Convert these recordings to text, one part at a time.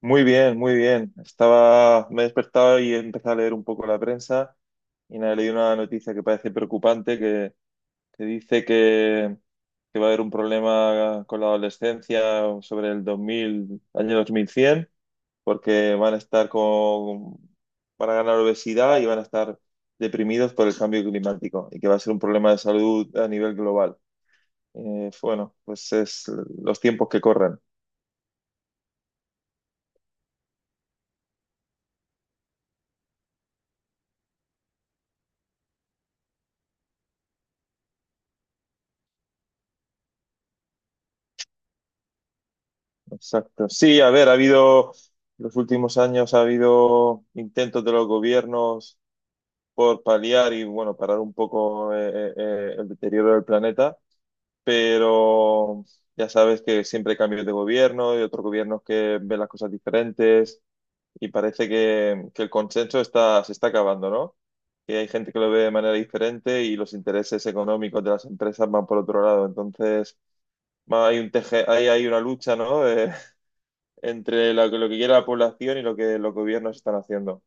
Muy bien, muy bien. Me he despertado y he empezado a leer un poco la prensa y nada, he leído una noticia que parece preocupante que dice que va a haber un problema con la adolescencia sobre el 2000, año 2100, porque van a ganar obesidad y van a estar deprimidos por el cambio climático y que va a ser un problema de salud a nivel global. Bueno, pues es los tiempos que corren. Exacto. Sí, a ver, en los últimos años ha habido intentos de los gobiernos por paliar y, bueno, parar un poco el deterioro del planeta, pero ya sabes que siempre hay cambios de gobierno y otros gobiernos que ven las cosas diferentes y parece que el consenso está, se está acabando, ¿no? Que hay gente que lo ve de manera diferente y los intereses económicos de las empresas van por otro lado. Entonces, ma- hay un teje, hay una lucha, ¿no?, entre lo que quiere la población y lo que los gobiernos están haciendo.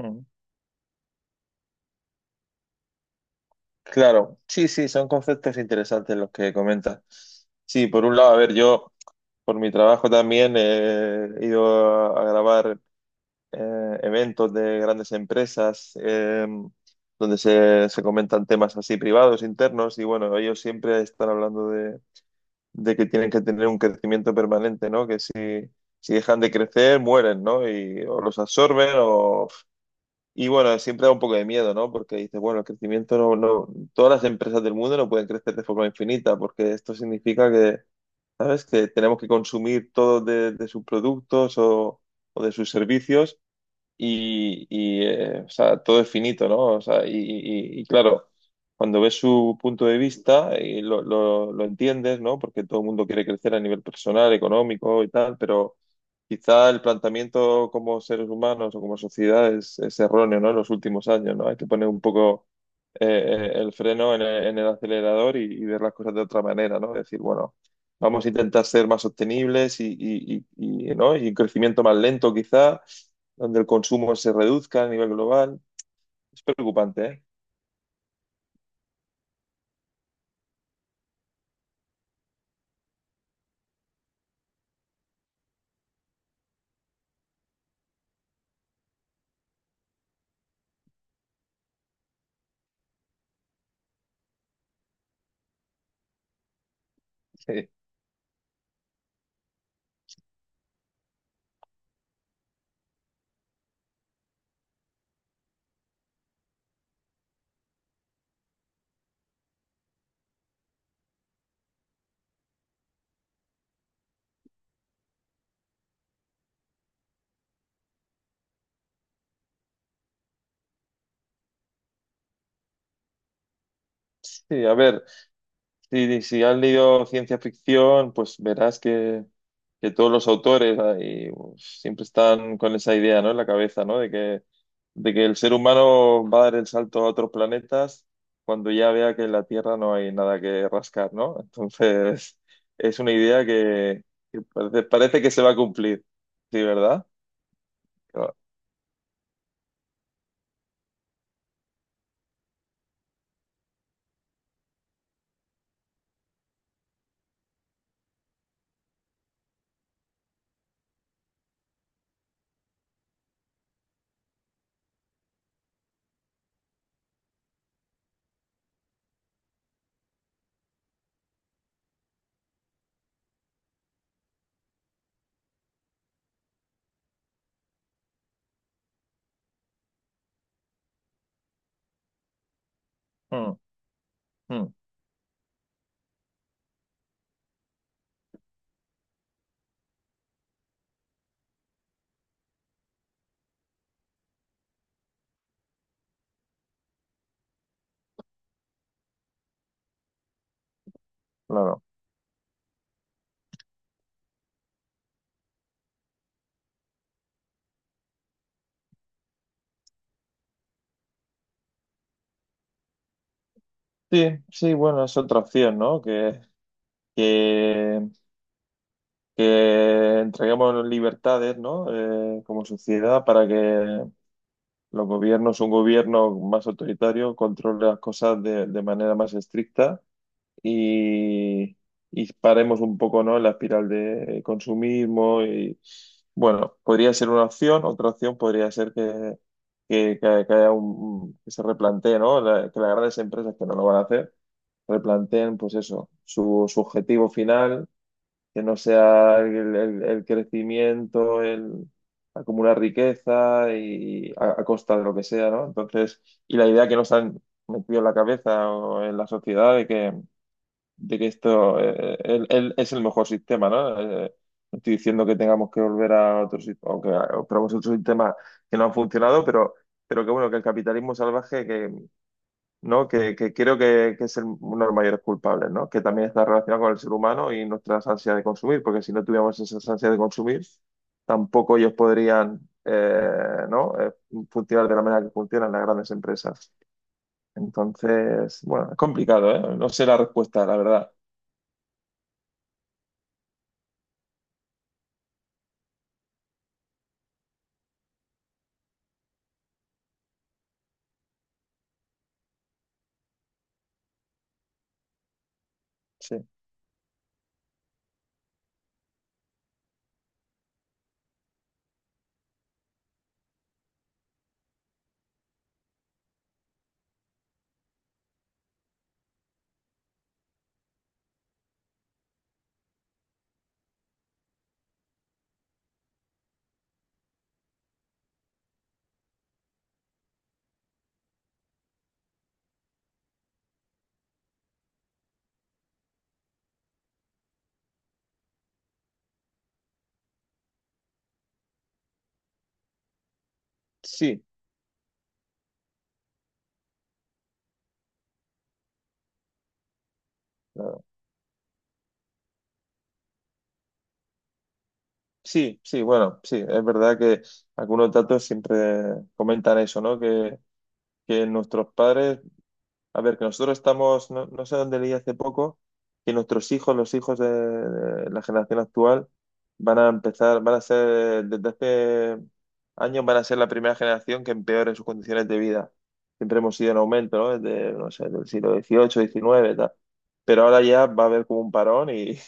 Mm. Claro, sí, sí, son conceptos interesantes los que comentas. Sí, por un lado, a ver, yo, por mi trabajo también, he ido a grabar eventos de grandes empresas, donde se comentan temas así privados, internos. Y bueno, ellos siempre están hablando de que tienen que tener un crecimiento permanente, ¿no? Que si dejan de crecer, mueren, ¿no? Y o los absorben o... Y bueno, siempre da un poco de miedo, ¿no? Porque dices, bueno, el crecimiento no, no, todas las empresas del mundo no pueden crecer de forma infinita, porque esto significa que, ¿sabes?, que tenemos que consumir todo de sus productos, o de sus servicios, o sea, todo es finito, ¿no? O sea, y, claro, cuando ves su punto de vista y lo entiendes, ¿no? Porque todo el mundo quiere crecer a nivel personal, económico y tal, pero quizá el planteamiento como seres humanos o como sociedad es erróneo, ¿no? En los últimos años, ¿no?, hay que poner un poco el freno en el acelerador, y ver las cosas de otra manera, ¿no? Decir, bueno, vamos a intentar ser más sostenibles ¿no? Y un crecimiento más lento, quizá donde el consumo se reduzca a nivel global. Es preocupante, ¿eh? Sí, sí, a ver, si has leído ciencia ficción, pues verás que todos los autores ahí, pues, siempre están con esa idea, ¿no?, en la cabeza, ¿no? De que el ser humano va a dar el salto a otros planetas cuando ya vea que en la Tierra no hay nada que rascar, ¿no? Entonces, es una idea que parece que se va a cumplir, ¿sí, verdad? Mm, mm, claro. Sí, sí, bueno, es otra opción, ¿no? Que, que entreguemos libertades, ¿no? Como sociedad, para que los gobiernos, un gobierno más autoritario, controle las cosas de manera más estricta, y, y paremos un poco, ¿no?, la espiral de consumismo. Y bueno, podría ser una opción. Otra opción podría ser que haya un, que se replantee, ¿no? Que las grandes empresas, que no lo van a hacer, replanteen, pues eso, su objetivo final, que no sea el crecimiento, el acumular riqueza, y a costa de lo que sea, ¿no? Entonces, y la idea que nos han metido en la cabeza o en la sociedad de que esto, es el mejor sistema, ¿no? Eh, no estoy diciendo que tengamos que volver a otro sistema, o o probemos otros sistemas que no han funcionado, pero, que bueno, que el capitalismo salvaje, que, ¿no? Que creo que es uno de los mayores culpables, ¿no? Que también está relacionado con el ser humano y nuestras ansias de consumir, porque si no tuviéramos esas ansias de consumir, tampoco ellos podrían, ¿no? Funcionar de la manera que funcionan las grandes empresas. Entonces, bueno, es complicado, ¿eh? No sé la respuesta, la verdad. Sí. Sí, claro. Sí, sí, bueno, sí, es verdad que algunos datos siempre comentan eso, ¿no? Que nuestros padres, a ver, que nosotros estamos, no, no sé dónde leí hace poco, que nuestros hijos, los hijos de la generación actual, van a empezar, van a ser, desde hace años van a ser la primera generación que empeore sus condiciones de vida. Siempre hemos ido en aumento, ¿no? Desde, no sé, del siglo dieciocho, diecinueve, tal. Pero ahora ya va a haber como un parón.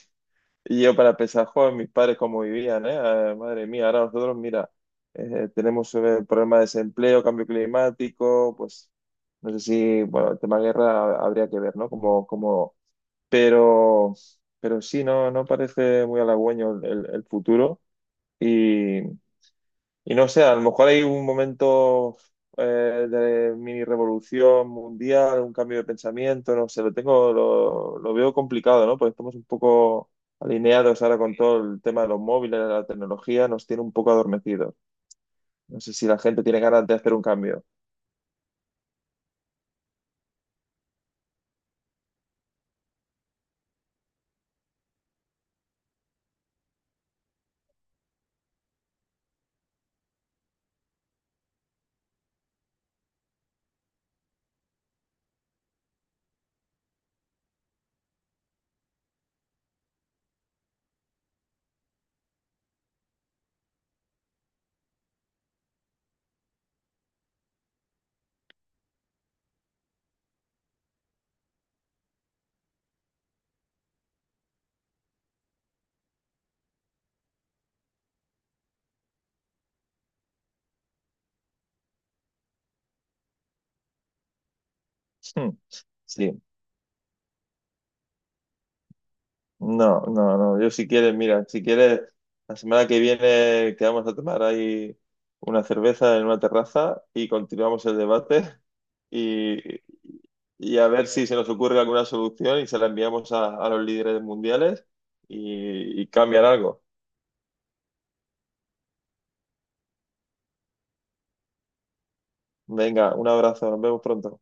Y yo para pensar, joder, mis padres cómo vivían, ¿eh? Ah, madre mía, ahora nosotros, mira, tenemos problemas de desempleo, cambio climático, pues no sé si, bueno, el tema guerra habría que ver, ¿no?, como, como, pero, pero, sí, no, no parece muy halagüeño el futuro. Y no sé, a lo mejor hay un momento, eh, de mini revolución mundial, un cambio de pensamiento, no sé, lo veo complicado, ¿no? Porque estamos un poco alineados ahora con todo el tema de los móviles, de la tecnología, nos tiene un poco adormecidos. No sé si la gente tiene ganas de hacer un cambio. Hmm, sí. No, no, no. Yo, si quieres, mira, si quieres, la semana que viene quedamos a tomar ahí una cerveza en una terraza y continuamos el debate y, y a ver si se nos ocurre alguna solución, y se la enviamos a los líderes mundiales, y cambian algo. Venga, un abrazo, nos vemos pronto.